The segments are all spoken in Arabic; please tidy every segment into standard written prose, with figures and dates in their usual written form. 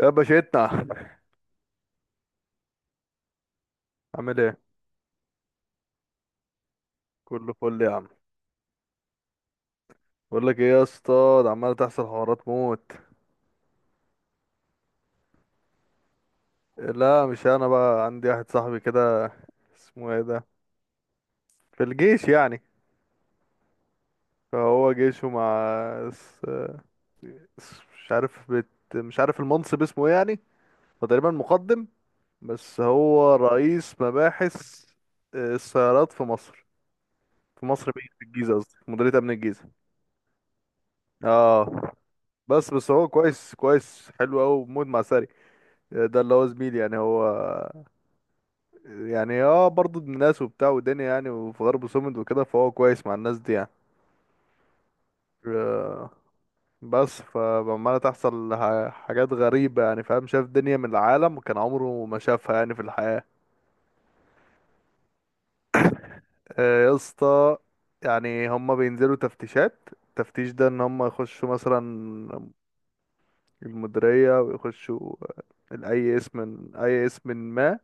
يا باشتنا، عامل ايه؟ كله فل يا عم. بقول لك ايه يا اسطى، ده عمال تحصل حوارات موت. لا مش انا، بقى عندي واحد صاحبي كده، اسمه ايه ده، في الجيش يعني. فهو جيشه مع اس... اس... مش عارف مش عارف المنصب اسمه ايه يعني. هو تقريبا مقدم، بس هو رئيس مباحث. السيارات في مصر، في مصر مين، في الجيزة، قصدي في مديرية امن الجيزة. اه. بس هو كويس كويس، حلو قوي موت مع ساري. ده اللي هو زميلي يعني، هو يعني اه برضه ابن ناس وبتاع ودنيا يعني، وفي غرب سومد وكده، فهو كويس مع الناس دي يعني. آه، بس فعمالة تحصل حاجات غريبة يعني، فاهم؟ شاف دنيا من العالم كان عمره ما شافها يعني في الحياة. يا اسطى، يعني هما بينزلوا تفتيشات. التفتيش ده ان هما يخشوا مثلا المديرية ويخشوا اي اسم ما.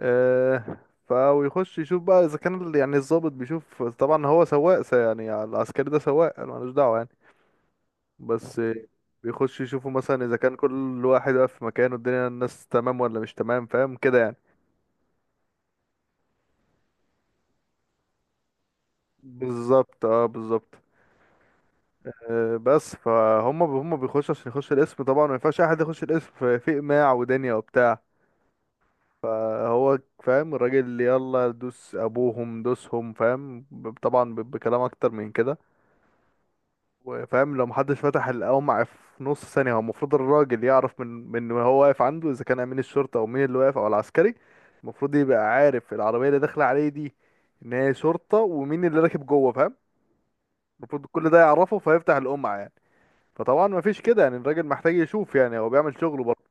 آه، فيخش يشوف بقى اذا كان يعني الضابط بيشوف. طبعا هو سواق يعني العسكري ده سواق، أنا ملوش دعوه يعني، بس بيخش يشوفوا مثلا اذا كان كل واحد واقف في مكانه، الدنيا الناس تمام ولا مش تمام، فاهم كده يعني؟ بالظبط، اه بالظبط. بس فهم هم بيخشوا عشان يخش القسم. طبعا ما ينفعش اي حد يخش القسم في اقماع ودنيا وبتاع. فهو فاهم الراجل اللي يلا دوس، ابوهم دوسهم، فاهم؟ طبعا بكلام اكتر من كده. وفاهم لو محدش فتح القمع في نص ثانية، هو المفروض الراجل يعرف من هو واقف عنده، إذا كان أمين الشرطة أو مين اللي واقف أو العسكري. المفروض يبقى عارف العربية اللي داخلة عليه دي إن هي شرطة، ومين اللي راكب جوه، فاهم؟ المفروض كل ده يعرفه فيفتح القمع يعني. فطبعا مفيش كده يعني، الراجل محتاج يشوف يعني، هو بيعمل شغله برضه.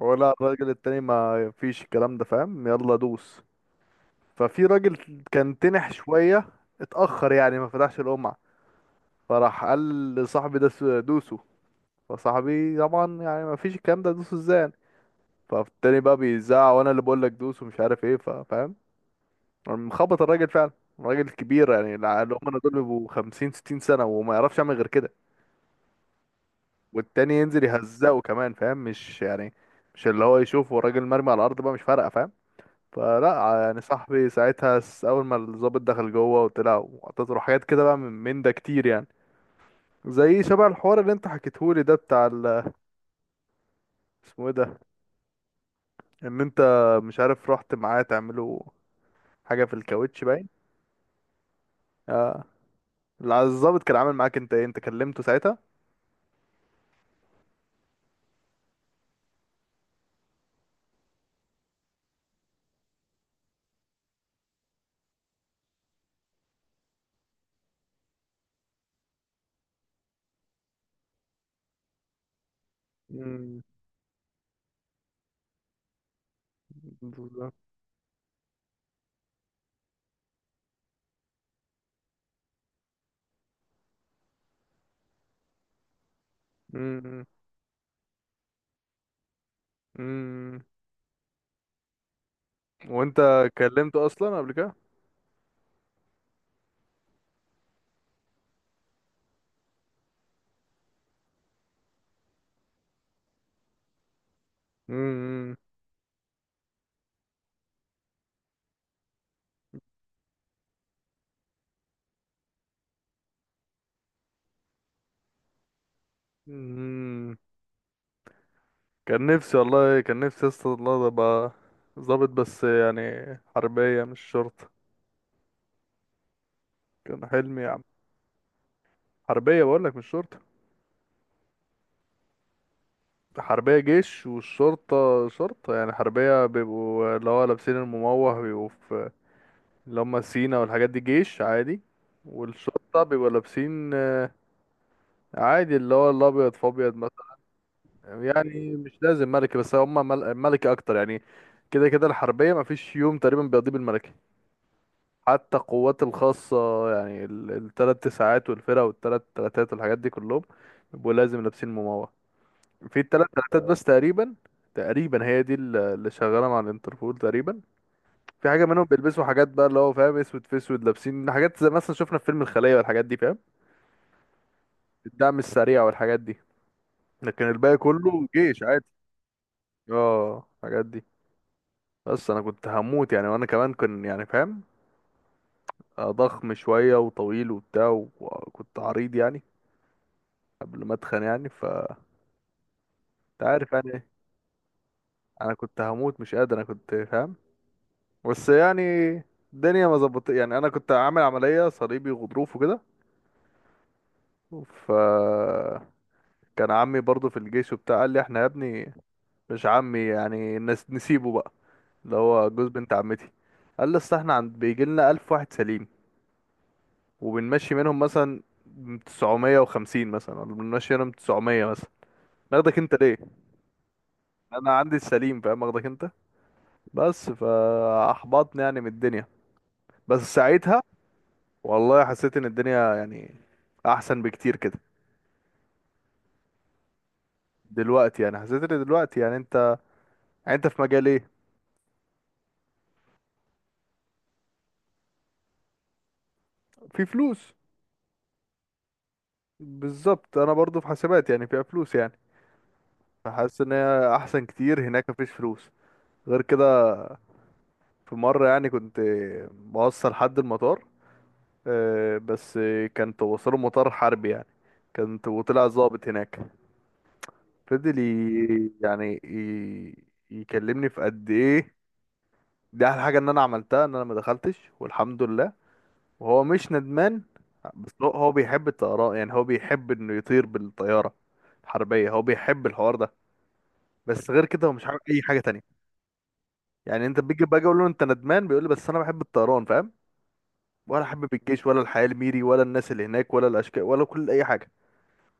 هو لا، الراجل التاني ما فيش الكلام ده، فاهم؟ يلا دوس. ففي راجل كان تنح شوية، اتأخر يعني، ما فتحش القمع. فراح قال لصاحبي ده دوسه. فصاحبي طبعا يعني ما فيش الكلام ده، دوس ازاي؟ فالتاني بقى بيزعق، وانا اللي بقول لك دوس ومش عارف ايه، فاهم؟ مخبط الراجل فعلا. الراجل كبير يعني، اللي هم دول بيبقوا 50 60 سنة وما يعرفش يعمل غير كده. والتاني ينزل يهزقه كمان، فاهم؟ مش يعني مش اللي هو يشوفه الراجل مرمي على الارض بقى، مش فارقة، فاهم؟ فلا يعني، صاحبي ساعتها اول ما الضابط دخل جوه وطلع وعطيته له حاجات كده بقى، من ده كتير يعني، زي شبه الحوار اللي انت حكيتهولي ده بتاع اسمه ايه ده، ان انت مش عارف رحت معاه تعملوا حاجه في الكاوتش، باين. اه. الظابط كان عامل معاك انت ايه؟ انت كلمته ساعتها؟ امم، بالظبط. امم، امم. وانت كلمته اصلا قبل كده؟ امم، امم. كان نفسي والله، كان نفسي اصلا الله ابقى ظابط، بس يعني حربيه مش شرطه. كان حلمي يا عم. حربيه بقول لك مش شرطه. حربية جيش، والشرطة شرطة. يعني حربية بيبقوا اللي هو لابسين المموه، بيبقوا في اللي هم سينا والحاجات دي، جيش عادي. والشرطة بيبقوا لابسين عادي اللي هو الأبيض في أبيض مثلا. يعني مش لازم ملكي، بس هم ملكي أكتر يعني. كده كده الحربية مفيش يوم تقريبا بيقضيه بالملكي. حتى القوات الخاصة، يعني التلات تسعات والفرق والتلات تلاتات والحاجات دي كلهم بيبقوا لازم لابسين مموه. في التلات تلاتات بس تقريبا، تقريبا هي دي اللي شغالة مع الانتربول تقريبا. في حاجه منهم بيلبسوا حاجات بقى، اللي هو فاهم اسود في اسود، لابسين حاجات زي مثلا شفنا في فيلم الخليه والحاجات دي، فاهم؟ الدعم السريع والحاجات دي. لكن الباقي كله جيش عادي. اه الحاجات دي. بس انا كنت هموت يعني، وانا كمان كان يعني فاهم ضخم شويه وطويل وبتاع، وكنت عريض يعني قبل ما اتخن يعني، ف انت عارف يعني إيه. انا كنت هموت، مش قادر، انا كنت فاهم. بس يعني الدنيا ما ظبطت يعني، انا كنت عامل عمليه صليبي وغضروف وكده. ف كان عمي برضو في الجيش وبتاع، قال لي احنا يا ابني، مش عمي يعني، نسيبه بقى، اللي هو جوز بنت عمتي. قال لي اصل احنا عند بيجي لنا 1000 واحد سليم، وبنمشي منهم مثلا 950 مثلا، ولا بنمشي منهم 900 مثلا، ناخدك انت ليه؟ انا عندي السليم، فاهم؟ اخدك انت. بس فاحبطني يعني من الدنيا، بس ساعتها والله حسيت ان الدنيا يعني احسن بكتير كده دلوقتي. يعني حسيت ان دلوقتي يعني انت، يعني انت في مجال ايه؟ في فلوس. بالظبط، انا برضو في حاسبات يعني، فيها فلوس يعني. فحاسس ان هي احسن كتير، هناك مفيش فلوس. غير كده، في مرة يعني كنت بوصل حد المطار، بس كنت بوصله مطار حربي يعني، كنت وطلع ضابط هناك. فضل يعني يكلمني في قد ايه. دي احلى حاجة ان انا عملتها ان انا ما دخلتش والحمد لله. وهو مش ندمان، بس هو بيحب الطيران يعني، هو بيحب انه يطير بالطيارة الحربية، هو بيحب الحوار ده. بس غير كده هو مش عامل اي حاجه تانية. يعني انت بيجي باجي اقول له انت ندمان، بيقول لي بس انا بحب الطيران، فاهم؟ ولا حابب الجيش، ولا الحياه الميري، ولا الناس اللي هناك، ولا الاشكال، ولا كل اي حاجه.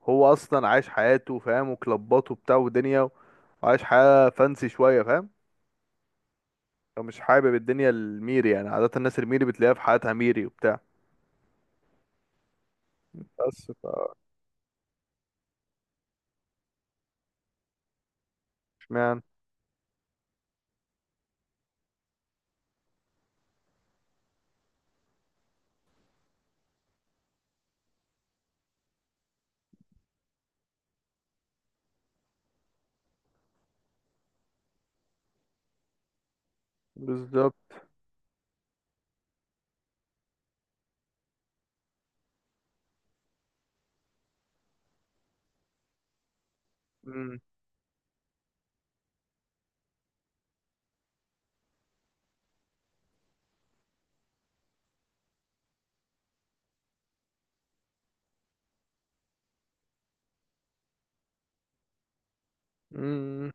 هو اصلا عايش حياته، فاهم؟ وكلباته وبتاع ودنيا، وعايش حياه فانسي شويه، فاهم؟ هو مش حابب الدنيا الميري يعني، عاده الناس الميري بتلاقيها في حياتها ميري وبتاع. بس ف اشمعنى؟ بالظبط. مم. مم.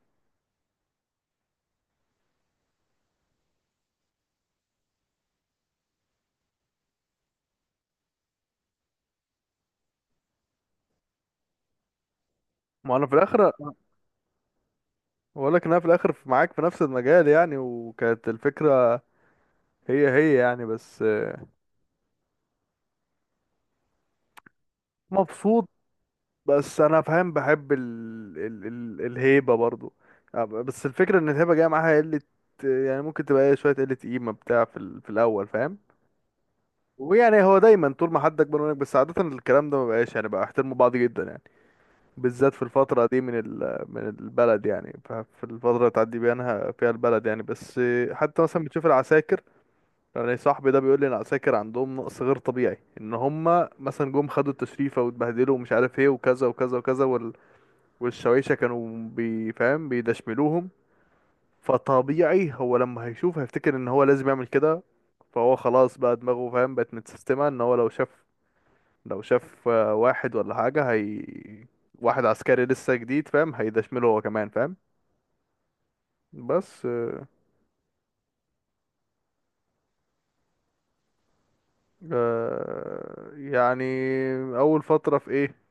ما انا في الاخر بقول لك ان انا في الاخر معاك في نفس المجال يعني، وكانت الفكره هي هي يعني. بس مبسوط. بس انا فاهم بحب الهيبه برضو يعني. بس الفكره ان الهيبه جايه معاها قله يعني، ممكن تبقى إيه شويه قله قيمه بتاع في، في الاول، فاهم؟ ويعني هو دايما طول ما حد اكبر منك، بس عاده الكلام ده ما بقاش يعني، بقى احترموا بعض جدا يعني، بالذات في الفتره دي من من البلد يعني، في الفتره اللي تعدي بينها فيها البلد يعني. بس حتى مثلا بتشوف العساكر، يعني صاحبي ده بيقول لي ان العساكر عندهم نقص غير طبيعي، ان هم مثلا جم خدوا التشريفه واتبهدلوا ومش عارف ايه، وكذا وكذا وكذا، والشوايشة كانوا بيفهم بيدشملوهم. فطبيعي هو لما هيشوف هيفتكر ان هو لازم يعمل كده. فهو خلاص بقى دماغه فاهم بقت متسيستمة، ان هو لو شاف، لو شاف واحد ولا حاجة، هي واحد عسكري لسه جديد، فاهم؟ هيدشمله هو كمان، فاهم؟ بس آه يعني. اول فترة في ايه؟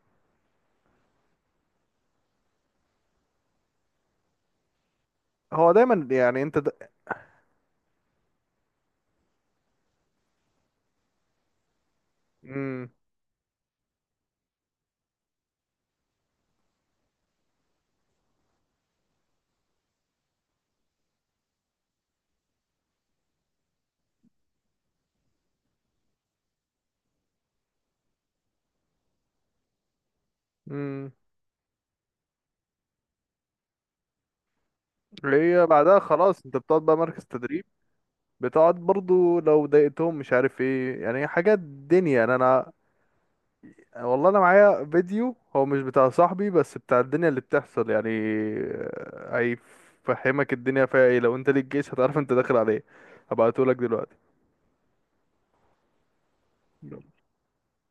هو دايما يعني انت مم. مم. هي بعدها خلاص انت بتقعد بقى مركز تدريب. بتقعد برضو لو ضايقتهم مش عارف ايه يعني حاجات دنيا يعني، انا والله انا معايا فيديو، هو مش بتاع صاحبي بس بتاع الدنيا اللي بتحصل يعني. آه، هيفهمك الدنيا فيها ايه. لو انت ليك جيش هتعرف انت داخل عليه. هبعتهولك دلوقتي.